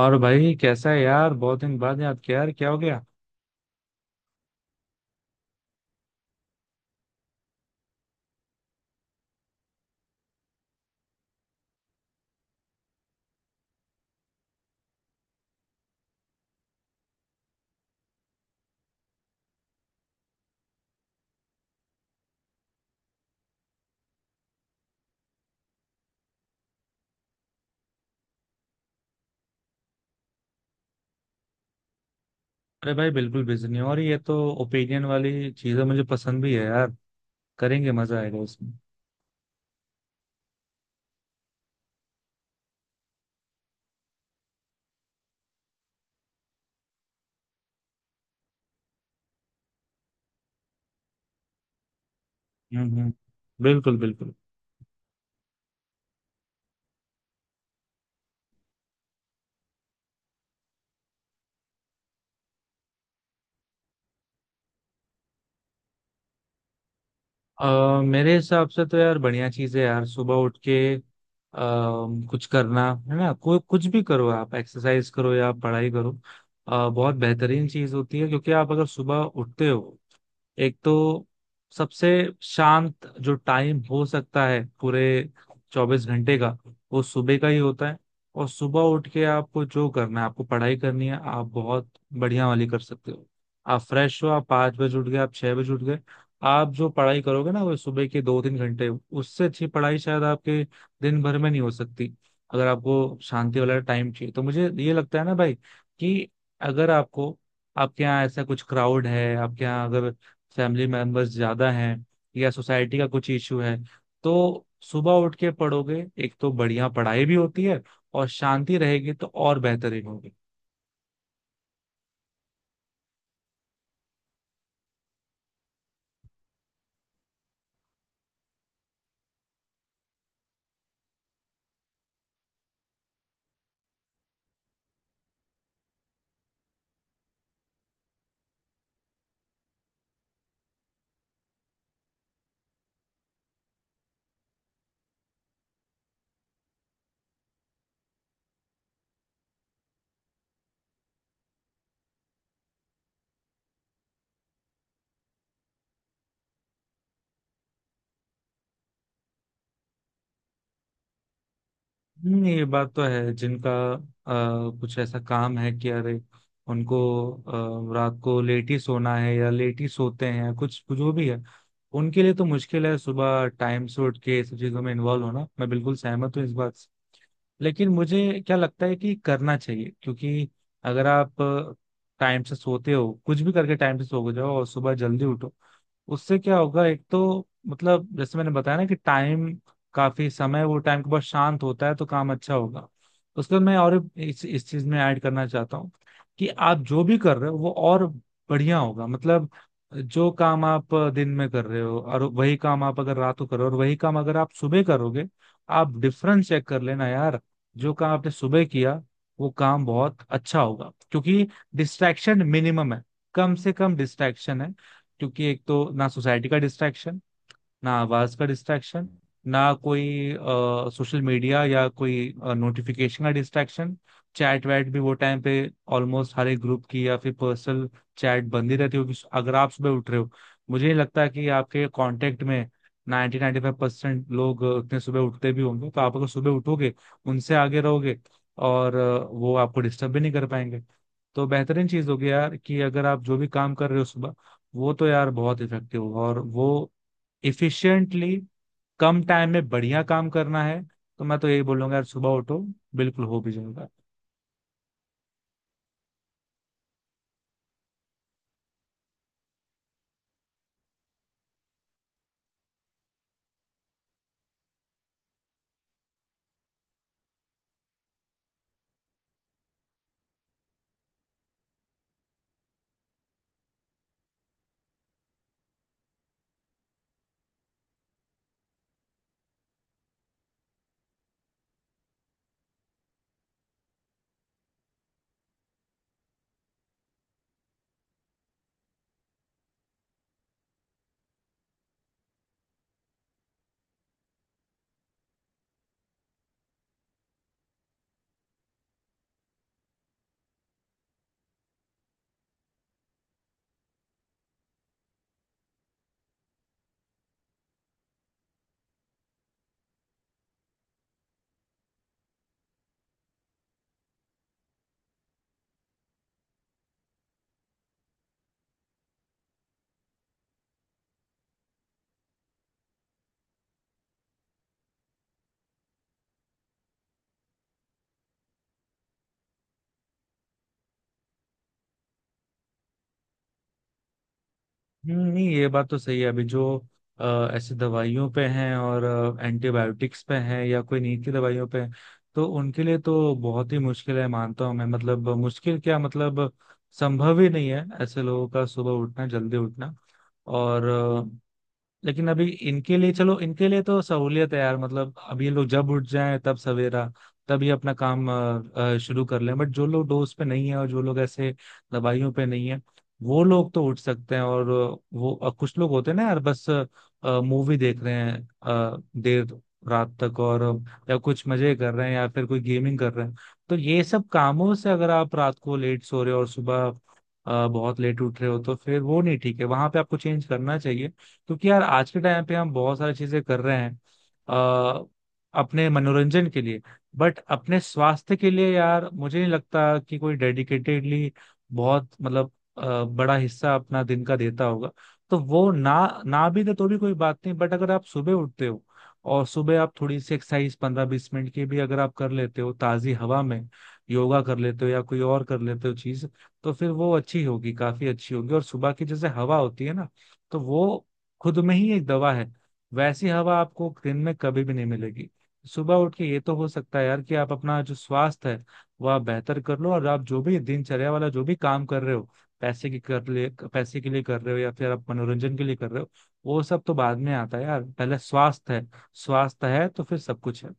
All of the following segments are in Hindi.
और भाई, कैसा है यार? बहुत दिन बाद याद किया यार, क्या हो गया? अरे भाई, बिल्कुल बिजी नहीं हो। और ये तो ओपिनियन वाली चीजें मुझे पसंद भी है यार। करेंगे, मजा आएगा इसमें। हम्म, हम्म। बिल्कुल, बिल्कुल। मेरे हिसाब से तो यार बढ़िया चीज है यार। सुबह उठ के कुछ करना है ना, कोई कुछ भी करो, आप एक्सरसाइज करो या पढ़ाई करो। बहुत बेहतरीन चीज होती है, क्योंकि आप अगर सुबह उठते हो, एक तो सबसे शांत जो टाइम हो सकता है पूरे 24 घंटे का, वो सुबह का ही होता है। और सुबह उठ के आपको जो करना है, आपको पढ़ाई करनी है, आप बहुत बढ़िया वाली कर सकते हो। आप फ्रेश हो, आप 5 बजे उठ गए, आप 6 बजे उठ गए, आप जो पढ़ाई करोगे ना वो सुबह के 2-3 घंटे, उससे अच्छी पढ़ाई शायद आपके दिन भर में नहीं हो सकती। अगर आपको शांति वाला टाइम चाहिए तो मुझे ये लगता है ना भाई कि अगर आपको आपके यहाँ ऐसा कुछ क्राउड है, आपके यहाँ अगर फैमिली मेंबर्स ज्यादा हैं या सोसाइटी का कुछ इशू है, तो सुबह उठ के पढ़ोगे, एक तो बढ़िया पढ़ाई भी होती है और शांति रहेगी तो और बेहतरीन होगी। ये बात तो है। जिनका कुछ ऐसा काम है कि अरे उनको रात को लेट ही सोना है, या लेट ही सोते हैं, या कुछ कुछ जो भी है, उनके लिए तो मुश्किल है सुबह टाइम से उठ के ये सब चीजों में इन्वॉल्व होना। मैं बिल्कुल सहमत हूँ इस बात। लेकिन मुझे क्या लगता है कि करना चाहिए, क्योंकि अगर आप टाइम से सोते हो, कुछ भी करके टाइम से सो जाओ और सुबह जल्दी उठो। उससे क्या होगा, एक तो मतलब जैसे मैंने बताया ना कि टाइम, काफी समय वो टाइम के बाद शांत होता है, तो काम अच्छा होगा। उसके बाद मैं और इस चीज में ऐड करना चाहता हूँ कि आप जो भी कर रहे हो वो और बढ़िया होगा। मतलब, जो काम आप दिन में कर रहे हो और वही काम आप अगर रात को करो और वही काम अगर आप सुबह करोगे, आप डिफरेंस चेक कर लेना यार। जो काम आपने सुबह किया वो काम बहुत अच्छा होगा, क्योंकि डिस्ट्रैक्शन मिनिमम है, कम से कम डिस्ट्रैक्शन है। क्योंकि एक तो ना सोसाइटी का डिस्ट्रैक्शन, ना आवाज का डिस्ट्रैक्शन, ना कोई सोशल मीडिया या कोई नोटिफिकेशन का डिस्ट्रैक्शन। चैट वैट भी वो टाइम पे ऑलमोस्ट हर एक ग्रुप की या फिर पर्सनल चैट बंद ही रहती होगी, अगर आप सुबह उठ रहे हो। मुझे नहीं लगता कि आपके कांटेक्ट में 90-95% लोग उतने सुबह उठते भी होंगे। तो आप अगर सुबह उठोगे, उनसे आगे रहोगे, और वो आपको डिस्टर्ब भी नहीं कर पाएंगे। तो बेहतरीन चीज होगी यार कि अगर आप जो भी काम कर रहे हो सुबह, वो तो यार बहुत इफेक्टिव होगा, और वो इफिशिएंटली कम टाइम में बढ़िया काम करना है। तो मैं तो यही बोलूंगा यार, सुबह उठो, बिल्कुल हो भी जाएगा। नहीं ये बात तो सही है। अभी जो ऐसे दवाइयों पे हैं और एंटीबायोटिक्स पे हैं या कोई नींद की दवाइयों पे हैं, तो उनके लिए तो बहुत ही मुश्किल है, मानता हूँ मैं। मतलब मुश्किल क्या, मतलब संभव ही नहीं है ऐसे लोगों का सुबह उठना, जल्दी उठना। और लेकिन अभी इनके लिए, चलो इनके लिए तो सहूलियत है यार, मतलब अब ये लोग जब उठ जाएं तब सवेरा, तब ये अपना काम शुरू कर लें। बट जो लोग डोज पे नहीं है और जो लोग ऐसे दवाइयों पे नहीं है, वो लोग तो उठ सकते हैं। और वो, कुछ लोग होते हैं ना यार, बस मूवी देख रहे हैं देर रात तक, और या कुछ मजे कर रहे हैं या फिर कोई गेमिंग कर रहे हैं। तो ये सब कामों से अगर आप रात को लेट सो रहे हो और सुबह बहुत लेट उठ रहे हो, तो फिर वो नहीं ठीक है, वहां पे आपको चेंज करना चाहिए। क्योंकि यार आज के टाइम पे हम बहुत सारी चीजें कर रहे हैं आ, अपने मनोरंजन के लिए। बट अपने स्वास्थ्य के लिए यार मुझे नहीं लगता कि कोई डेडिकेटेडली, बहुत मतलब बड़ा हिस्सा अपना दिन का देता होगा। तो वो ना ना भी दे तो भी कोई बात नहीं। बट अगर आप सुबह उठते हो और सुबह आप थोड़ी सी एक्सरसाइज 15-20 मिनट की भी अगर आप कर लेते हो ताजी हवा में, योगा कर लेते हो या कोई और कर लेते हो चीज, तो फिर वो अच्छी होगी, काफी अच्छी होगी। और सुबह की जैसे हवा होती है ना, तो वो खुद में ही एक दवा है। वैसी हवा आपको दिन में कभी भी नहीं मिलेगी। सुबह उठ के ये तो हो सकता है यार कि आप अपना जो स्वास्थ्य है वह आप बेहतर कर लो, और आप जो भी दिनचर्या वाला जो भी काम कर रहे हो, पैसे के लिए कर रहे हो या फिर आप मनोरंजन के लिए कर रहे हो, वो सब तो बाद में आता है यार। पहले स्वास्थ्य है, स्वास्थ्य है तो फिर सब कुछ है।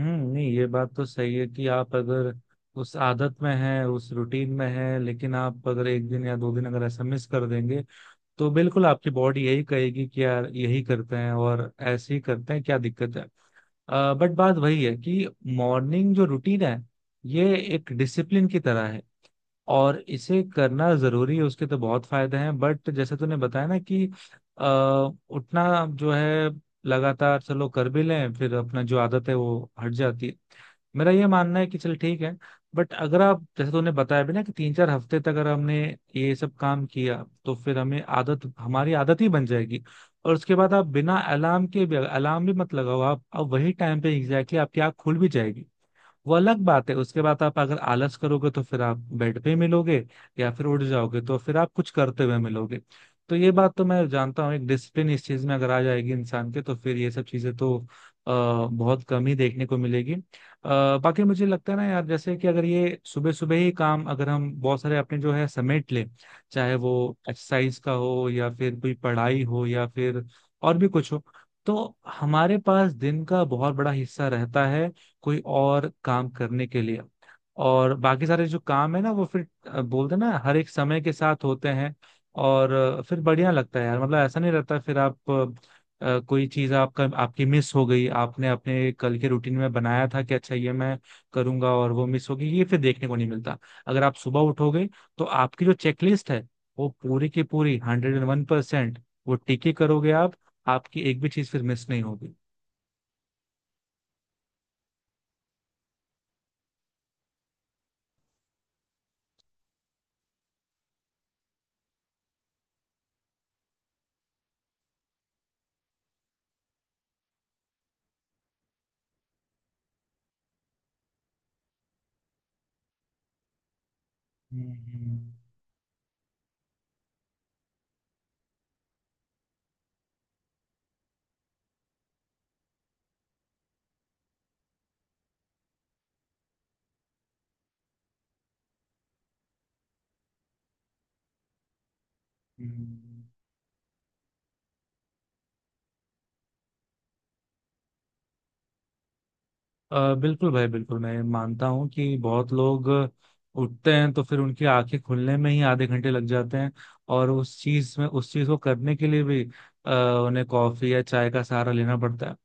हम्म, नहीं ये बात तो सही है कि आप अगर उस आदत में हैं, उस रूटीन में हैं, लेकिन आप अगर एक दिन या दो दिन अगर ऐसा मिस कर देंगे, तो बिल्कुल आपकी बॉडी यही कहेगी कि यार यही करते हैं और ऐसे ही करते हैं, क्या दिक्कत है। बट बात वही है कि मॉर्निंग जो रूटीन है, ये एक डिसिप्लिन की तरह है और इसे करना जरूरी है, उसके तो बहुत फायदे हैं। बट जैसे तूने बताया ना कि आ, उठना जो है, लगातार चलो कर भी लें, फिर अपना जो आदत है वो हट जाती है। मेरा ये मानना है कि चल ठीक है। बट अगर आप, जैसे तूने बताया भी ना, कि 3-4 हफ्ते तक अगर हमने ये सब काम किया, तो फिर हमें आदत हमारी आदत ही बन जाएगी। और उसके बाद आप बिना अलार्म के भी, अलार्म भी मत लगाओ आप, अब वही टाइम पे एग्जैक्टली आपकी आँख खुल भी जाएगी। वो अलग बात है, उसके बाद आप अगर आलस करोगे तो फिर आप बेड पे मिलोगे, या फिर उठ जाओगे तो फिर आप कुछ करते हुए मिलोगे। तो ये बात तो मैं जानता हूँ, एक डिसिप्लिन इस चीज में अगर आ जाएगी इंसान के, तो फिर ये सब चीजें तो बहुत कम ही देखने को मिलेगी। बाकी मुझे लगता है ना यार, जैसे कि अगर ये सुबह सुबह ही काम अगर हम बहुत सारे अपने जो है समेट लें, चाहे वो एक्सरसाइज का हो या फिर कोई पढ़ाई हो या फिर और भी कुछ हो, तो हमारे पास दिन का बहुत बड़ा हिस्सा रहता है, कोई और काम करने के लिए। और बाकी सारे जो काम है ना, वो फिर बोलते हैं ना, हर एक समय के साथ होते हैं। और फिर बढ़िया लगता है यार, मतलब ऐसा नहीं रहता फिर। आप कोई चीज आपका आपकी मिस हो गई, आपने अपने कल के रूटीन में बनाया था कि अच्छा ये मैं करूंगा, और वो मिस हो गई, ये फिर देखने को नहीं मिलता। अगर आप सुबह उठोगे, तो आपकी जो चेकलिस्ट है वो पूरी की पूरी 101%, वो टिके करोगे आप। आपकी एक भी चीज फिर मिस नहीं होगी। हम्म, हम्म, हम्म। बिल्कुल भाई, बिल्कुल। मैं मानता हूँ कि बहुत लोग उठते हैं तो फिर उनकी आंखें खुलने में ही आधे घंटे लग जाते हैं, और उस चीज को करने के लिए भी अ, उन्हें कॉफी या चाय का सहारा लेना पड़ता है।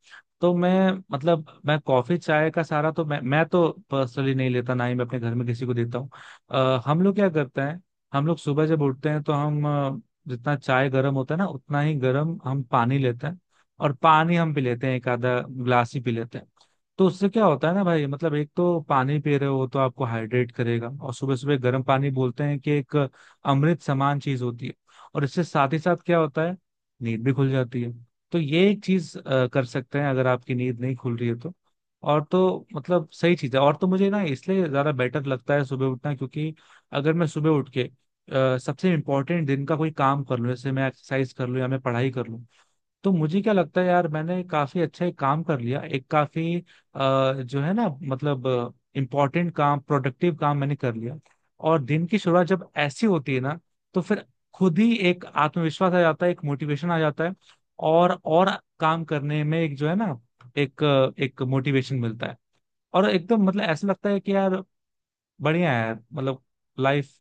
तो मैं, मतलब मैं कॉफी चाय का सहारा तो मैं तो पर्सनली नहीं लेता, ना ही मैं अपने घर में किसी को देता हूँ। हम लोग क्या करते हैं, हम लोग सुबह जब उठते हैं तो हम जितना चाय गर्म होता है ना उतना ही गर्म हम पानी लेते हैं। और पानी हम पी लेते हैं, एक आधा ग्लास ही पी लेते हैं। तो उससे क्या होता है ना भाई, मतलब एक तो पानी पी रहे हो तो आपको हाइड्रेट करेगा, और सुबह सुबह गर्म पानी बोलते हैं कि एक अमृत समान चीज होती है। और इससे साथ ही साथ क्या होता है, नींद भी खुल जाती है। तो ये एक चीज कर सकते हैं, अगर आपकी नींद नहीं खुल रही है तो। और तो मतलब सही चीज है। और तो मुझे ना इसलिए ज्यादा बेटर लगता है सुबह उठना, क्योंकि अगर मैं सुबह उठ के सबसे इम्पोर्टेंट दिन का कोई काम कर लूँ, जैसे मैं एक्सरसाइज कर लूँ या मैं पढ़ाई कर लूँ, तो मुझे क्या लगता है यार, मैंने काफी अच्छा एक काम कर लिया, एक काफी जो है ना, मतलब इम्पोर्टेंट काम, प्रोडक्टिव काम मैंने कर लिया। और दिन की शुरुआत जब ऐसी होती है ना, तो फिर खुद ही एक आत्मविश्वास आ जाता है, एक मोटिवेशन आ जाता है। और काम करने में एक जो है ना, एक एक मोटिवेशन मिलता है। और एकदम मतलब ऐसा लगता है कि यार बढ़िया है, मतलब लाइफ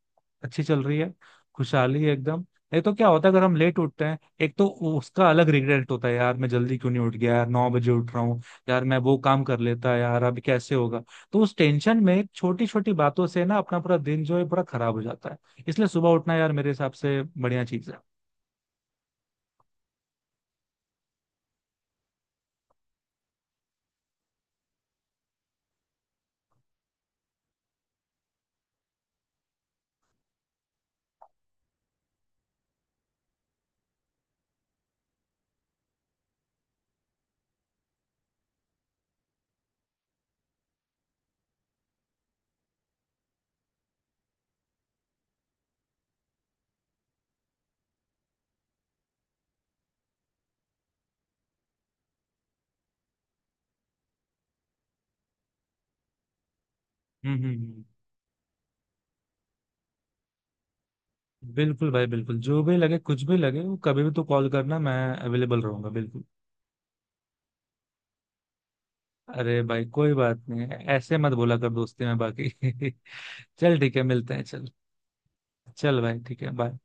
अच्छी चल रही है, खुशहाली है एकदम। नहीं तो क्या होता है अगर हम लेट उठते हैं, एक तो उसका अलग रिग्रेट होता है, यार मैं जल्दी क्यों नहीं उठ गया, यार 9 बजे उठ रहा हूँ, यार मैं वो काम कर लेता, यार अभी कैसे होगा। तो उस टेंशन में छोटी छोटी बातों से ना अपना पूरा दिन जो है पूरा खराब हो जाता है। इसलिए सुबह उठना यार मेरे हिसाब से बढ़िया चीज है। हम्म, हम्म, बिल्कुल भाई, बिल्कुल। जो भी लगे, कुछ भी लगे वो, कभी भी तो कॉल करना, मैं अवेलेबल रहूंगा बिल्कुल। अरे भाई कोई बात नहीं, ऐसे मत बोला कर दोस्ती में बाकी। चल ठीक है, मिलते हैं, चल। चल भाई, ठीक है, बाय।